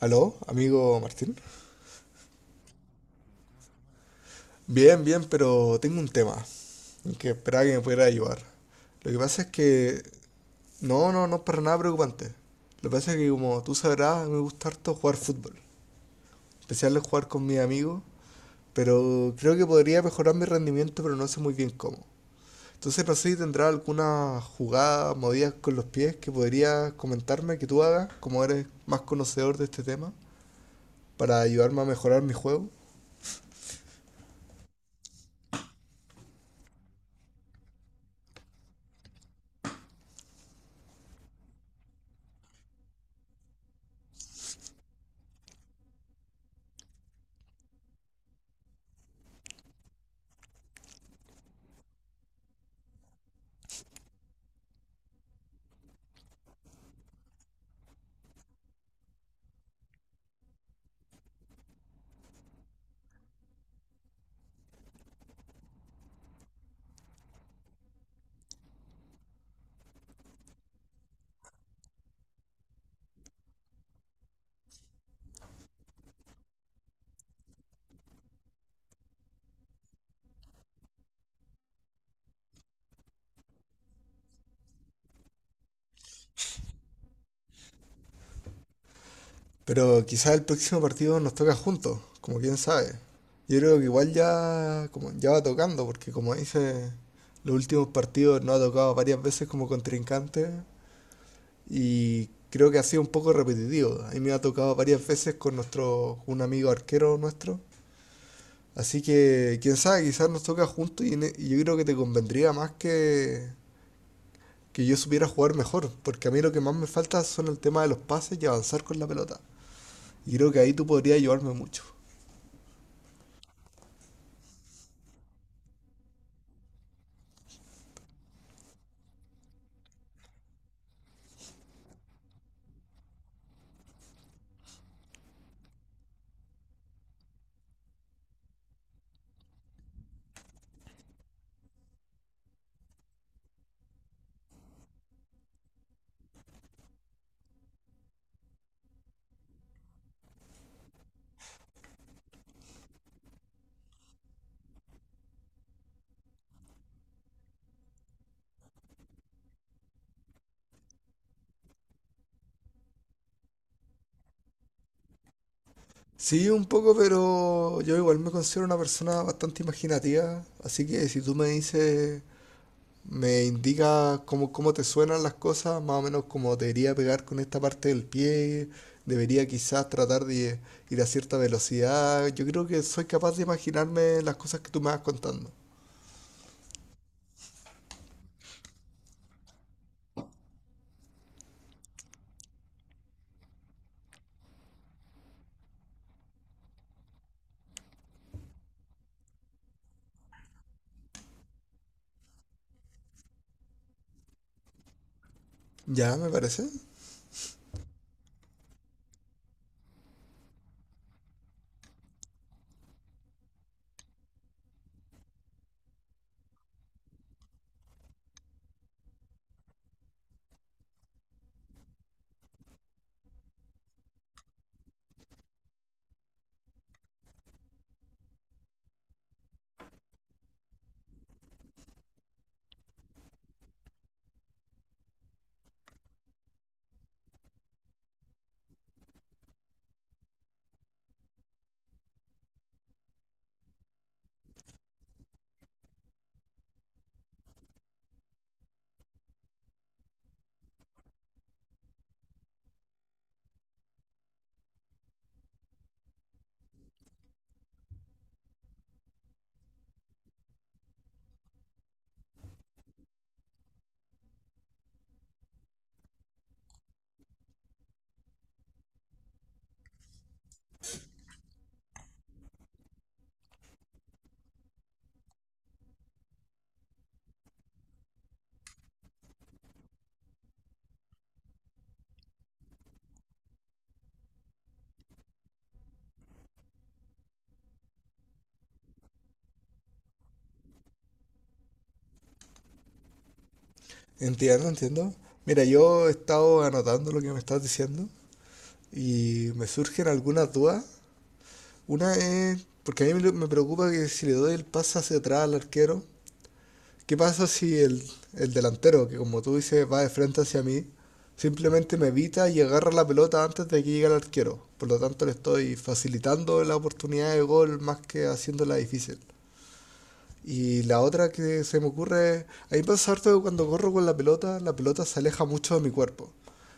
Aló, amigo Martín. Bien, bien, pero tengo un tema en que esperaba que me pudiera ayudar. Lo que pasa es que... No, no, no es para nada preocupante. Lo que pasa es que, como tú sabrás, me gusta harto jugar fútbol. En especial el jugar con mis amigos, pero creo que podría mejorar mi rendimiento, pero no sé muy bien cómo. Entonces no sé si tendrás alguna jugada, movidas con los pies que podrías comentarme que tú hagas, como eres más conocedor de este tema, para ayudarme a mejorar mi juego. Pero quizás el próximo partido nos toca juntos, como quién sabe. Yo creo que igual ya, como, ya va tocando, porque como dice, los últimos partidos nos ha tocado varias veces como contrincante y creo que ha sido un poco repetitivo. A mí me ha tocado varias veces con nuestro, un amigo arquero nuestro. Así que, quién sabe, quizás nos toca juntos y, y yo creo que te convendría más que yo supiera jugar mejor, porque a mí lo que más me falta son el tema de los pases y avanzar con la pelota. Y creo que ahí tú podrías ayudarme mucho. Sí, un poco, pero yo igual me considero una persona bastante imaginativa, así que si tú me dices, me indicas cómo, cómo te suenan las cosas, más o menos cómo debería pegar con esta parte del pie, debería quizás tratar de ir a cierta velocidad, yo creo que soy capaz de imaginarme las cosas que tú me vas contando. Ya, me parece. Entiendo, entiendo. Mira, yo he estado anotando lo que me estás diciendo y me surgen algunas dudas. Una es, porque a mí me preocupa que si le doy el pase hacia atrás al arquero, ¿qué pasa si el delantero, que como tú dices va de frente hacia mí, simplemente me evita y agarra la pelota antes de que llegue al arquero? Por lo tanto, le estoy facilitando la oportunidad de gol más que haciéndola difícil. Y la otra que se me ocurre, a mí me pasa harto que cuando corro con la pelota se aleja mucho de mi cuerpo.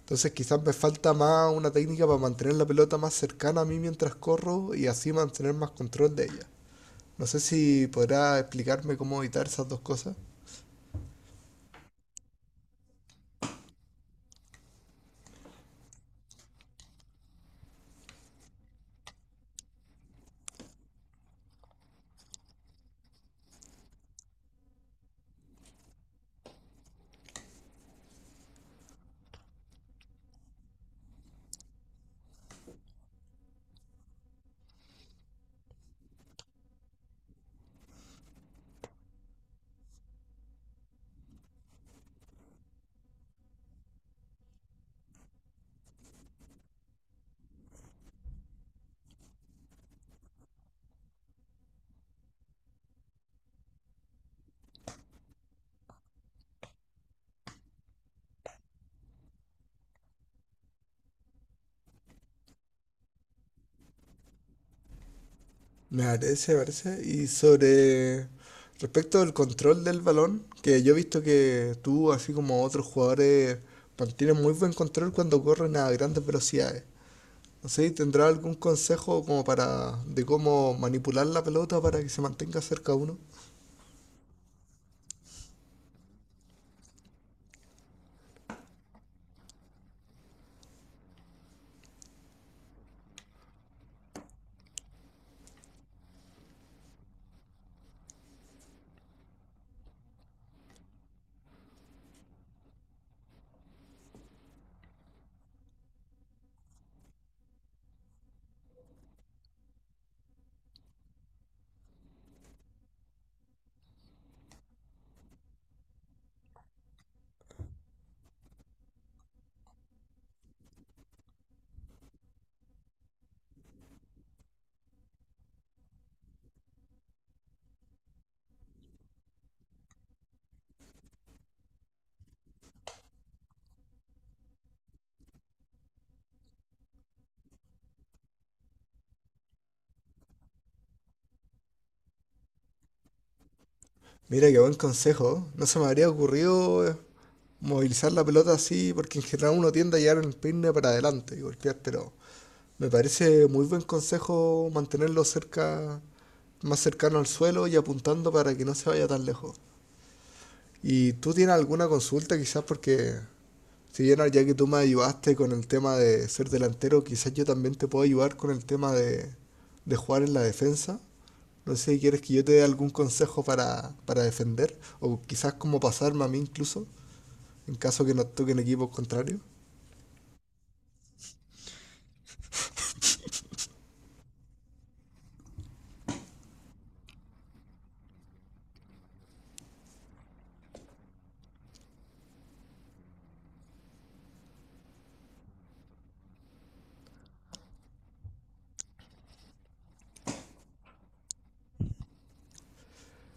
Entonces quizás me falta más una técnica para mantener la pelota más cercana a mí mientras corro y así mantener más control de ella. No sé si podrá explicarme cómo evitar esas dos cosas. Me parece, me parece. Y sobre respecto al control del balón, que yo he visto que tú, así como otros jugadores, mantienen muy buen control cuando corren a grandes velocidades. No sé si tendrá algún consejo como para de cómo manipular la pelota para que se mantenga cerca a uno. Mira, qué buen consejo. No se me habría ocurrido, movilizar la pelota así, porque en general uno tiende a llevar el peine para adelante y golpear. Pero me parece muy buen consejo mantenerlo cerca, más cercano al suelo y apuntando para que no se vaya tan lejos. ¿Y tú tienes alguna consulta quizás? Porque si bien ya que tú me ayudaste con el tema de ser delantero, quizás yo también te puedo ayudar con el tema de jugar en la defensa. No sé si quieres que yo te dé algún consejo para defender o quizás cómo pasarme a mí incluso en caso que nos toquen equipos contrarios.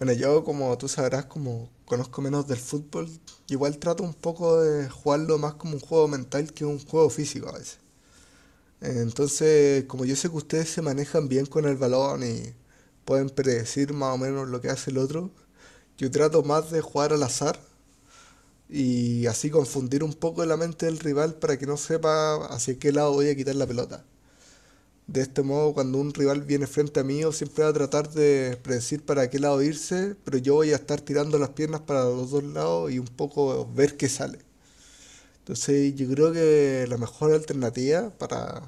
Bueno, yo como tú sabrás, como conozco menos del fútbol, igual trato un poco de jugarlo más como un juego mental que un juego físico a veces. Entonces, como yo sé que ustedes se manejan bien con el balón y pueden predecir más o menos lo que hace el otro, yo trato más de jugar al azar y así confundir un poco la mente del rival para que no sepa hacia qué lado voy a quitar la pelota. De este modo, cuando un rival viene frente a mí, yo siempre va a tratar de predecir para qué lado irse, pero yo voy a estar tirando las piernas para los dos lados y un poco ver qué sale. Entonces, yo creo que la mejor alternativa para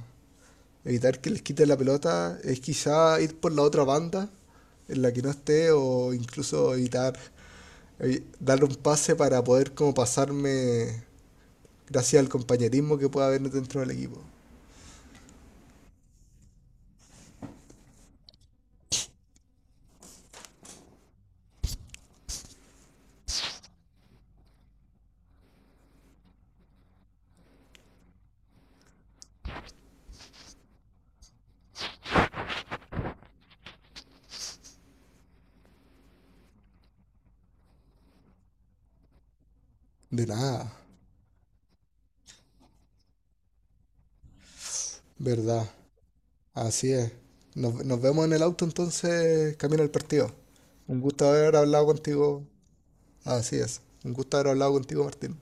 evitar que les quite la pelota es quizá ir por la otra banda en la que no esté o incluso darle un pase para poder como pasarme gracias al compañerismo que pueda haber dentro del equipo. De nada, verdad. Así es. Nos vemos en el auto entonces, camino al partido. Un gusto haber hablado contigo. Así es. Un gusto haber hablado contigo, Martín.